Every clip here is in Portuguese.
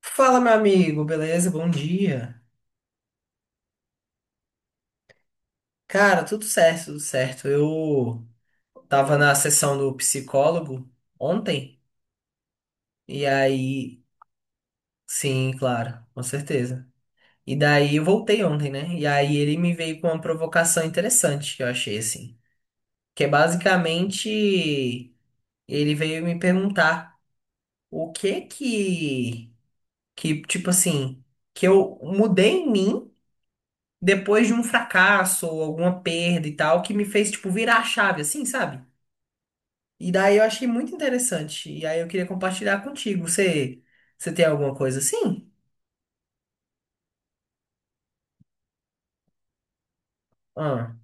Fala, meu amigo, beleza? Bom dia. Cara, tudo certo, tudo certo. Eu tava na sessão do psicólogo ontem, e aí, sim, claro, com certeza. E daí eu voltei ontem, né? E aí ele me veio com uma provocação interessante que eu achei assim, que é basicamente ele veio me perguntar o que que tipo assim, que eu mudei em mim depois de um fracasso ou alguma perda e tal, que me fez, tipo, virar a chave, assim, sabe? E daí eu achei muito interessante. E aí eu queria compartilhar contigo. Você tem alguma coisa assim? Ah,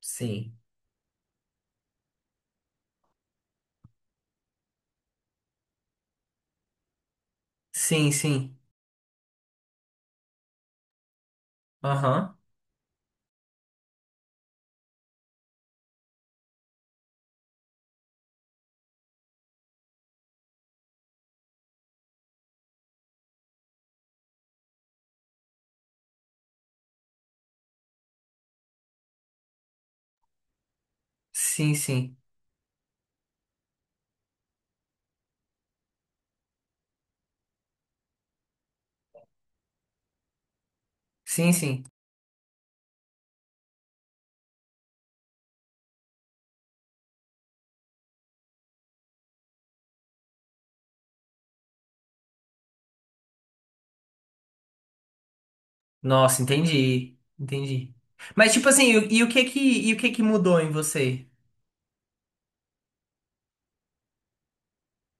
sim. Sim, sim. Aham. Sim, sim. Sim, sim. Nossa, entendi. Entendi. Mas, tipo assim, e o que que mudou em você?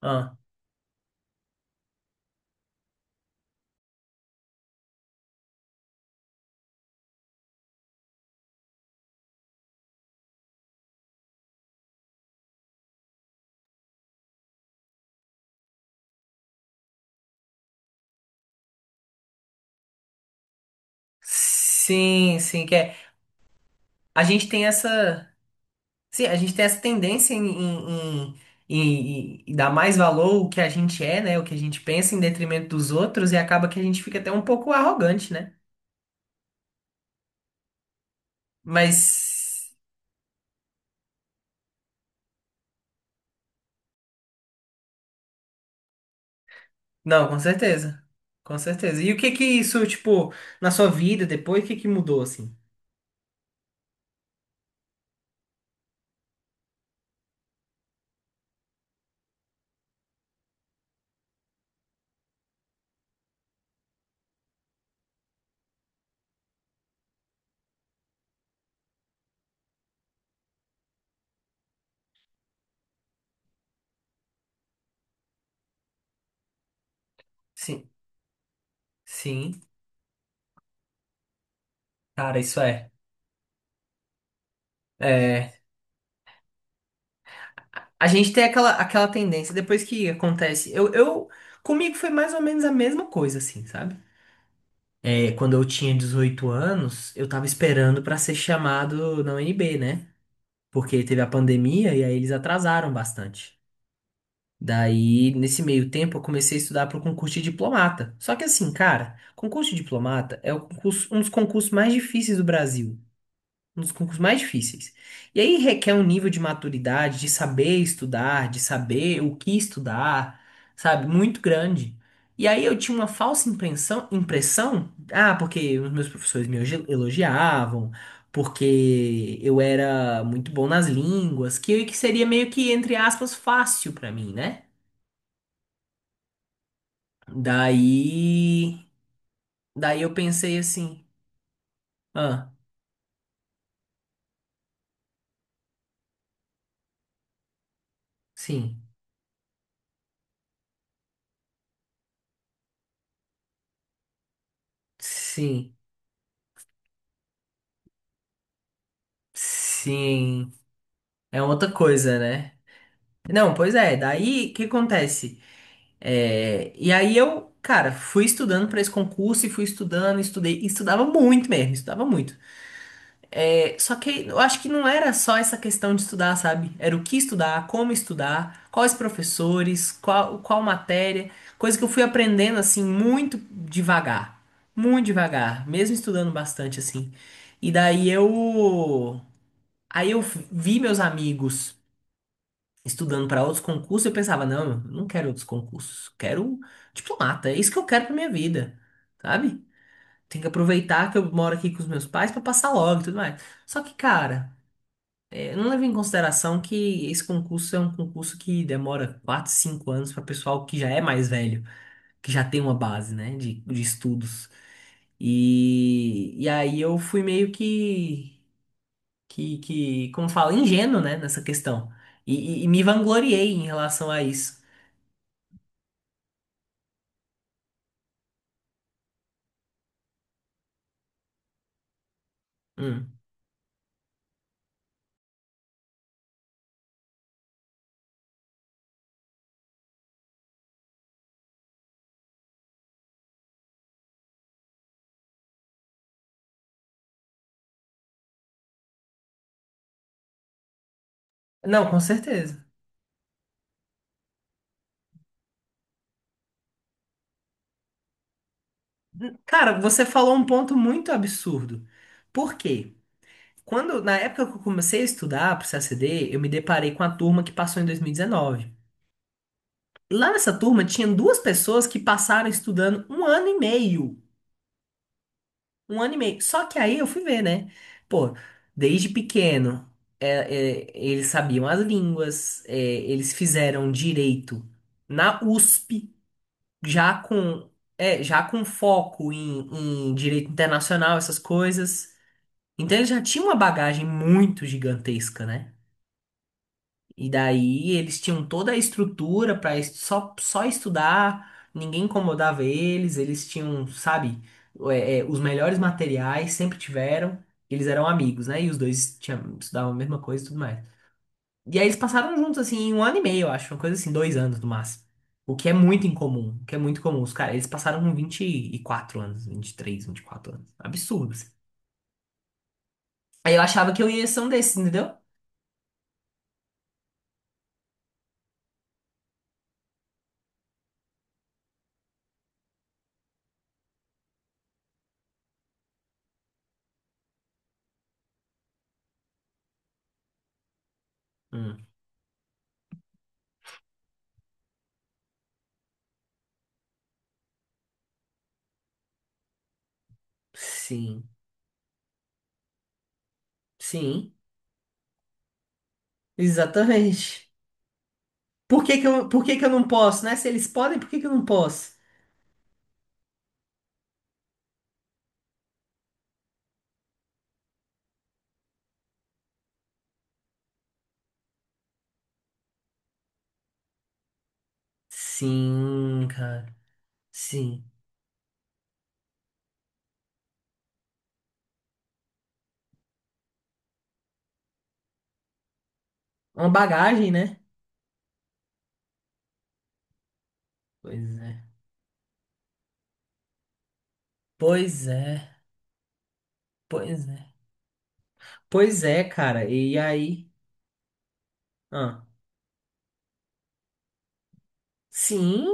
Ah. Sim, sim, que é. A gente tem essa. Sim, a gente tem essa tendência em dar mais valor ao que a gente é, né? O que a gente pensa em detrimento dos outros e acaba que a gente fica até um pouco arrogante, né? Mas, não, com certeza. Com certeza. E o que que isso, tipo, na sua vida depois, o que que mudou, assim? Sim, sim. Cara, isso é. É. A gente tem aquela, aquela tendência, depois que acontece. Comigo foi mais ou menos a mesma coisa, assim, sabe? É, quando eu tinha 18 anos, eu tava esperando pra ser chamado na UNB, né? Porque teve a pandemia e aí eles atrasaram bastante. Daí, nesse meio tempo, eu comecei a estudar pro concurso de diplomata. Só que assim, cara, concurso de diplomata é o concurso- um dos concursos mais difíceis do Brasil. Um dos concursos mais difíceis. E aí requer um nível de maturidade, de saber estudar, de saber o que estudar, sabe? Muito grande. E aí eu tinha uma falsa impressão, ah, porque os meus professores me elogiavam, porque eu era muito bom nas línguas, que seria meio que, entre aspas, fácil pra mim, né? Daí, daí, eu pensei assim, ah, sim, sim, sim, é outra coisa, né? Não, pois é, daí o que acontece? É, e aí eu, cara, fui estudando pra esse concurso e fui estudando, estudei, e estudava muito mesmo, estudava muito. É, só que eu acho que não era só essa questão de estudar, sabe? Era o que estudar, como estudar, quais professores, qual, qual matéria, coisa que eu fui aprendendo assim muito devagar, mesmo estudando bastante assim. E daí eu, aí eu vi meus amigos estudando para outros concursos, eu pensava, não, eu não quero outros concursos, quero diplomata, é isso que eu quero para minha vida, sabe? Tem que aproveitar que eu moro aqui com os meus pais para passar logo e tudo mais. Só que, cara, é, eu não levo em consideração que esse concurso é um concurso que demora 4, 5 anos para pessoal que já é mais velho, que já tem uma base, né, de estudos. E aí eu fui meio que, como fala, ingênuo, né, nessa questão. E, e me vangloriei em relação a isso. Hum. Não, com certeza. Cara, você falou um ponto muito absurdo. Por quê? Quando, na época que eu comecei a estudar para o CACD, eu me deparei com a turma que passou em 2019. Lá nessa turma tinha duas pessoas que passaram estudando um ano e meio. Um ano e meio. Só que aí eu fui ver, né? Pô, desde pequeno, é, eles sabiam as línguas, é, eles fizeram direito na USP, já com já com foco em direito internacional, essas coisas. Então eles já tinham uma bagagem muito gigantesca, né? E daí eles tinham toda a estrutura para só estudar, ninguém incomodava eles, eles tinham, sabe, os melhores materiais, sempre tiveram, eles eram amigos, né? E os dois tinham, estudavam a mesma coisa e tudo mais. E aí eles passaram juntos, assim, um ano e meio, eu acho. Uma coisa assim, 2 anos no máximo. O que é muito incomum. O que é muito comum. Os caras, eles passaram com 24 anos, 23 24 anos. Absurdo, assim. Aí eu achava que eu ia ser um desses, entendeu? Hum, sim, sim, exatamente. Por que que eu, por que que eu não posso, né? Se eles podem, por que que eu não posso? Sim, cara, sim. Uma bagagem, né? Pois é. Pois é, pois é. Pois é, cara, e aí? Ah. Sim,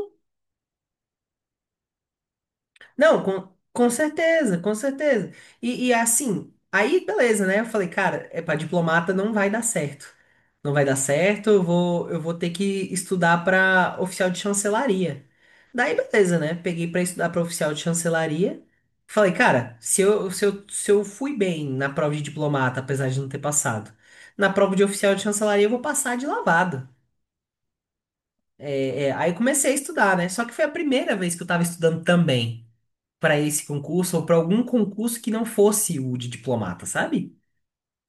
não, com certeza, com certeza. E assim, aí beleza, né? Eu falei, cara, é para diplomata não vai dar certo. Não vai dar certo, eu vou ter que estudar para oficial de chancelaria. Daí beleza, né? Peguei para estudar para oficial de chancelaria. Falei, cara, se eu fui bem na prova de diplomata, apesar de não ter passado, na prova de oficial de chancelaria eu vou passar de lavada. Aí comecei a estudar, né? Só que foi a primeira vez que eu tava estudando também para esse concurso ou para algum concurso que não fosse o de diplomata, sabe?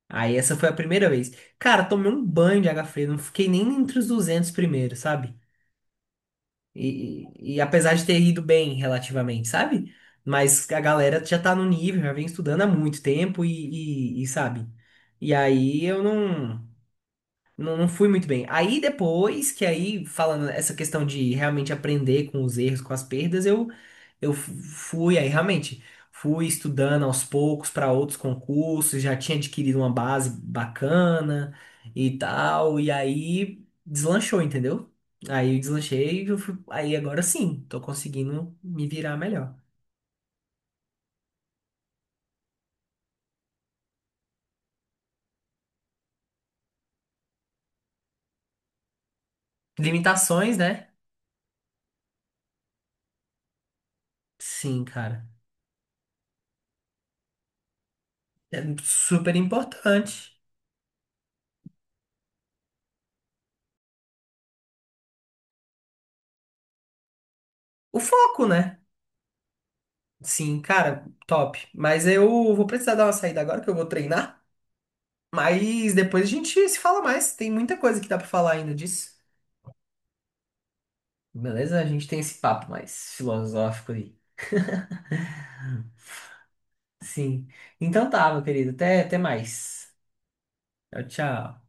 Aí essa foi a primeira vez. Cara, tomei um banho de água fria, não fiquei nem entre os 200 primeiros, sabe? E apesar de ter ido bem relativamente, sabe? Mas a galera já tá no nível, já vem estudando há muito tempo e sabe? E aí eu não. Não, não fui muito bem. Aí depois, que aí, falando essa questão de realmente aprender com os erros, com as perdas, eu fui, aí realmente, fui estudando aos poucos para outros concursos, já tinha adquirido uma base bacana e tal, e aí deslanchou, entendeu? Aí eu deslanchei e eu fui, aí agora sim, tô conseguindo me virar melhor. Limitações, né? Sim, cara. É super importante. O foco, né? Sim, cara, top. Mas eu vou precisar dar uma saída agora que eu vou treinar. Mas depois a gente se fala mais. Tem muita coisa que dá pra falar ainda disso. Beleza? A gente tem esse papo mais filosófico aí. Sim. Então tá, meu querido. Até mais. Tchau, tchau.